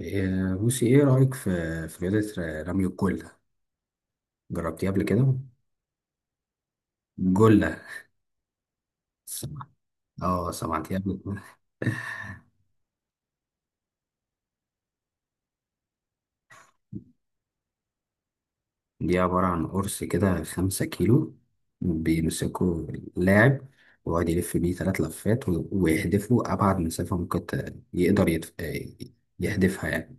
إيه، بصي ايه رأيك في رياضة رمي الجلة. جربتيها قبل كده؟ جلة. سمعت. اه، سمعتيها قبل كده؟ دي عبارة عن قرص كده 5 كيلو. بيمسكوا اللاعب ويقعد يلف بيه 3 لفات ويهدفوا أبعد مسافة ممكن، يقدر يتف... إيه، يهدفها يعني.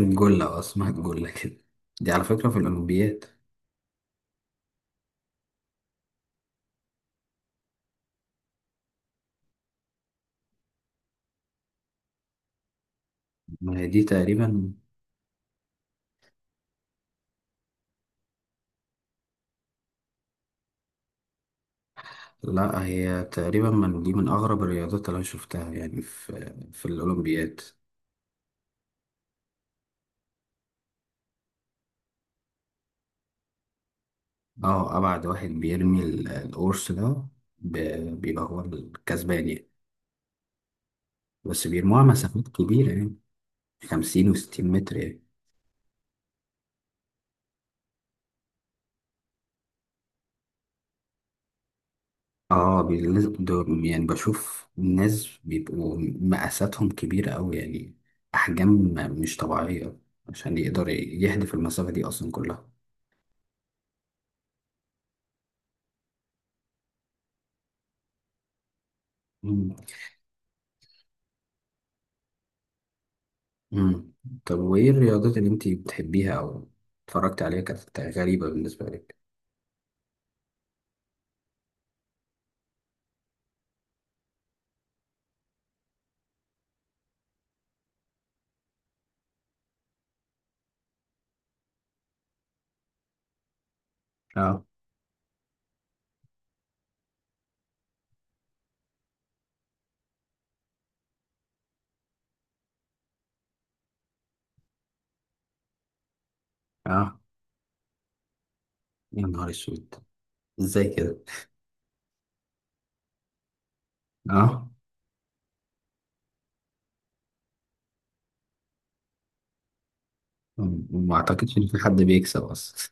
الجلة، اه اسمها الجلة كده. دي على فكرة في الأولمبياد. ما هي دي تقريبا. لا، هي تقريبا من دي، من أغرب الرياضات اللي أنا شفتها يعني في الأولمبياد. اه، ابعد واحد بيرمي القرص ده بيبقى هو الكسبان يعني. بس بيرموها مسافات كبيرة يعني، 50 و60 متر يعني. اه، دول يعني بشوف ناس بيبقوا مقاساتهم كبيرة أوي يعني، أحجام مش طبيعية، عشان يقدر يهدف المسافة دي أصلا كلها. مم. مم. طب وإيه الرياضات اللي أنتي بتحبيها أو اتفرجت عليها كانت غريبة بالنسبة لك؟ اه. اه، يا نهار اسود! ازاي كده؟ اه، وما اعتقدش ان في حد بيكسب اصلا.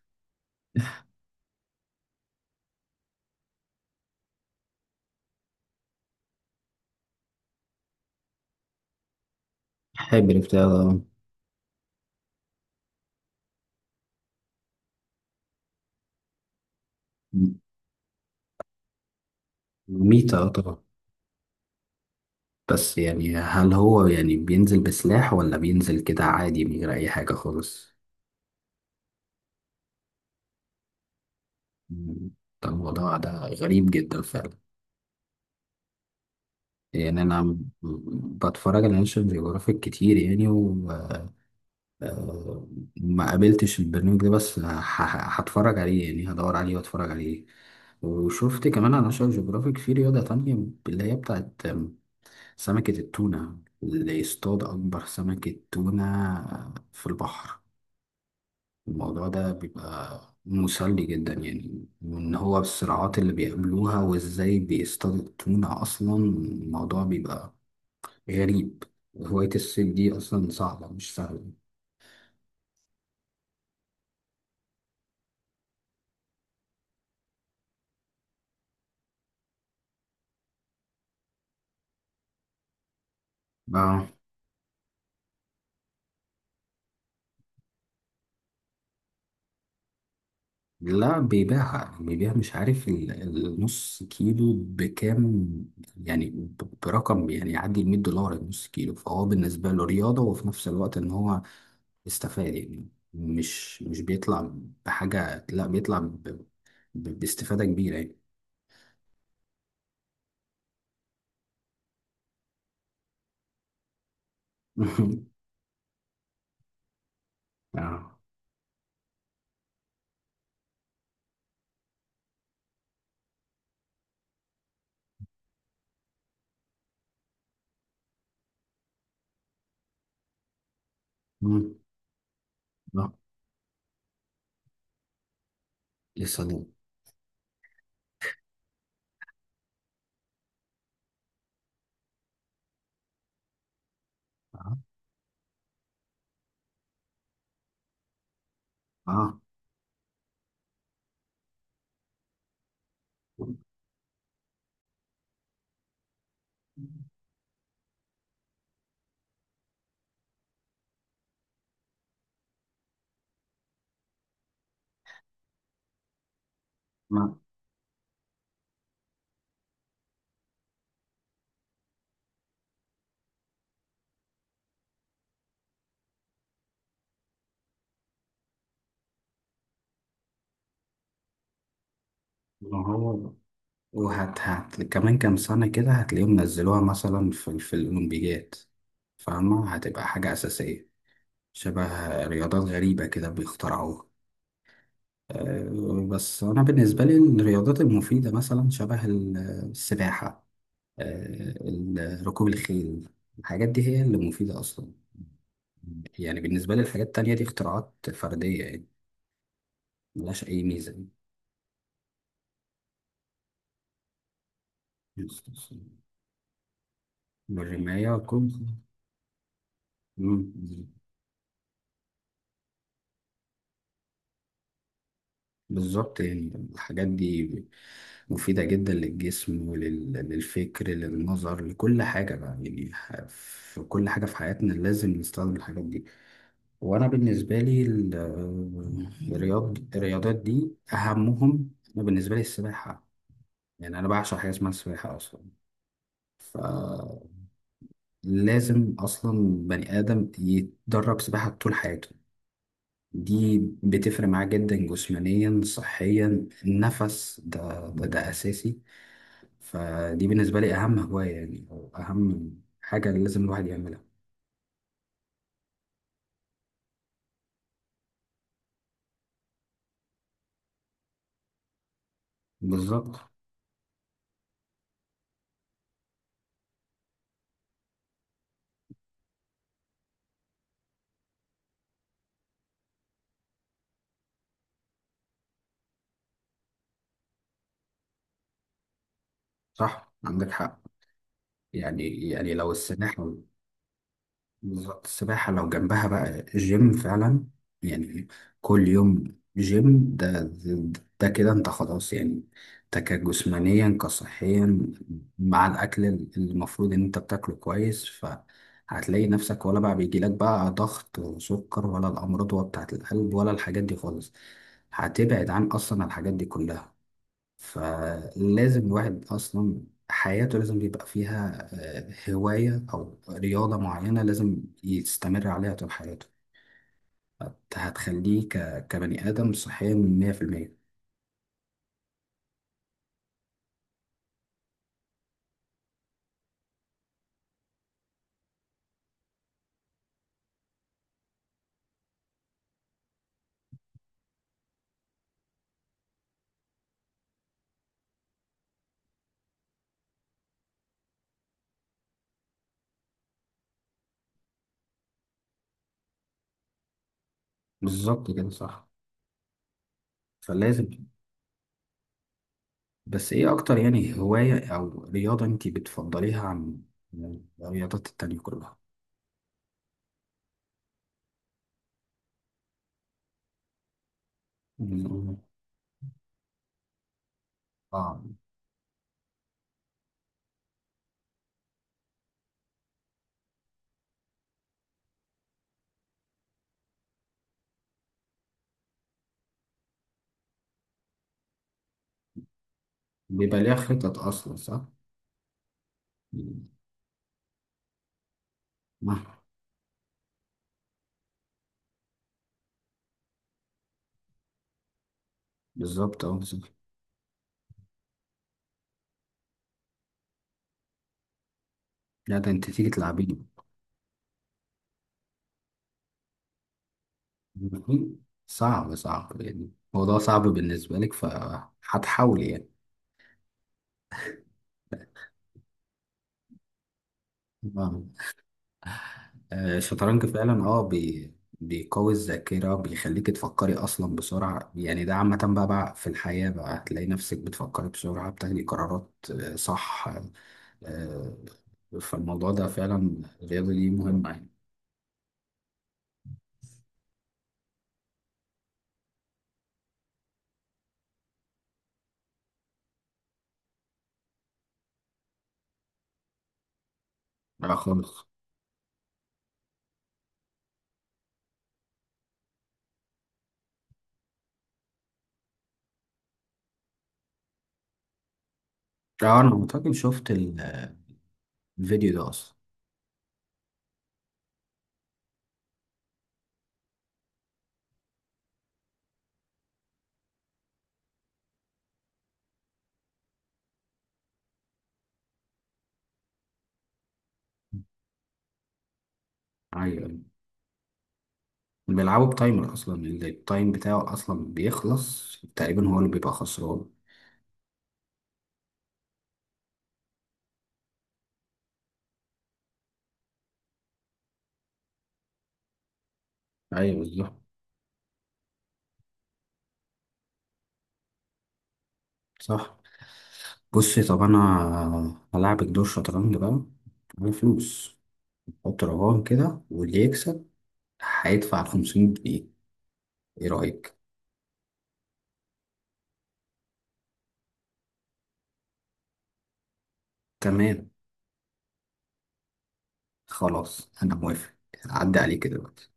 حبر بتاع ده. ميتة، اه طبعا. بس يعني هل هو يعني بينزل بسلاح ولا بينزل كده عادي من غير اي حاجة خالص؟ مم. ده الموضوع ده غريب جدا فعلا. يعني انا بتفرج على ناشونال جيوغرافيك كتير يعني وما قابلتش البرنامج ده، بس هتفرج عليه يعني، هدور عليه واتفرج عليه. وشفت كمان على ناشونال جيوغرافيك في رياضة تانية، اللي هي بتاعت سمكة التونة، اللي يصطاد أكبر سمكة تونة في البحر. الموضوع ده بيبقى مسلي جدا يعني، وإن هو الصراعات اللي بيقابلوها وإزاي بيصطادوا التونة أصلا، الموضوع بيبقى غريب. هواية الصيد دي أصلا صعبة، مش سهلة. آه. لا، بيبيعها، بيبيع، مش عارف النص كيلو بكام، يعني برقم يعني يعدي ال 100 دولار النص كيلو، فهو بالنسبة له رياضة وفي نفس الوقت إن هو استفاد يعني. مش بيطلع بحاجة، لا بيطلع باستفادة كبيرة يعني. اه. مم. لا، لسه دي. اه. آه. ما ما هو، وهت هت كمان كام سنة كده هتلاقيهم نزلوها مثلا في الأولمبيات، فاهمة؟ هتبقى حاجة أساسية، شبه رياضات غريبة كده بيخترعوها. أه، بس أنا بالنسبة لي الرياضات المفيدة مثلا، شبه السباحة، ركوب الخيل، الحاجات دي هي اللي مفيدة أصلا. يعني بالنسبة لي الحاجات التانية دي اختراعات فردية يعني، ملهاش أي ميزة يعني. والرماية والكم. مم. بالظبط. يعني الحاجات دي مفيدة جدا للجسم وللفكر، للنظر، لكل حاجة بقى، يعني في كل حاجة في حياتنا لازم نستخدم الحاجات دي. وأنا بالنسبة لي الرياضات دي أهمهم. أنا بالنسبة لي السباحة، يعني انا بعشق حاجه اسمها السباحه اصلا. ف لازم اصلا بني ادم يتدرب سباحه طول حياته. دي بتفرق معاه جدا، جسمانيا، صحيا، النفس، ده اساسي. فدي بالنسبه لي اهم هوايه يعني، او اهم حاجه اللي لازم الواحد يعملها. بالظبط. صح، عندك حق. يعني لو السباحه. بالظبط، السباحة لو جنبها بقى جيم فعلا، يعني كل يوم جيم، ده كده انت خلاص يعني. ده كجسمانيا، كصحيا، مع الأكل اللي المفروض إن انت بتاكله كويس، فهتلاقي نفسك ولا بقى بيجيلك بقى ضغط وسكر ولا الأمراض بتاعة القلب ولا الحاجات دي خالص. هتبعد عن أصلا الحاجات دي كلها. فلازم الواحد أصلا حياته لازم يبقى فيها هواية أو رياضة معينة، لازم يستمر عليها طول حياته. هتخليه كبني آدم صحيا 100%. بالظبط كده، صح. فلازم. بس إيه أكتر يعني هواية أو رياضة أنت بتفضليها عن الرياضات التانية كلها؟ مم. آه. بيبقى ليها خطط أصلا، صح؟ مم. آه. بالظبط، أه بالظبط. لا ده أنت تيجي تلعبي. مهم. صعب صعب، يعني الموضوع صعب بالنسبة لك فهتحاول يعني. آه. الشطرنج فعلا. اه بي بيقوي الذاكرة، بيخليك تفكري أصلا بسرعة يعني، ده عامة بقى في الحياة بقى هتلاقي نفسك بتفكري بسرعة، بتاخدي قرارات، صح. آه. فالموضوع ده فعلا، الرياضة دي مهمة يعني. آه، خالص. أنا أعتقد شفت الفيديو ده أصلا. أيوه. بيلعبوا بتايمر اصلا، اللي التايم بتاعه اصلا بيخلص تقريبا هو اللي بيبقى خسران. ايوه، بالظبط. صح. بصي، طب انا هلعبك دور شطرنج بقى على فلوس، حط رقم كده، واللي يكسب هيدفع 500 جنيه، ايه رايك؟ تمام. خلاص، انا موافق. عدى عليك دلوقتي.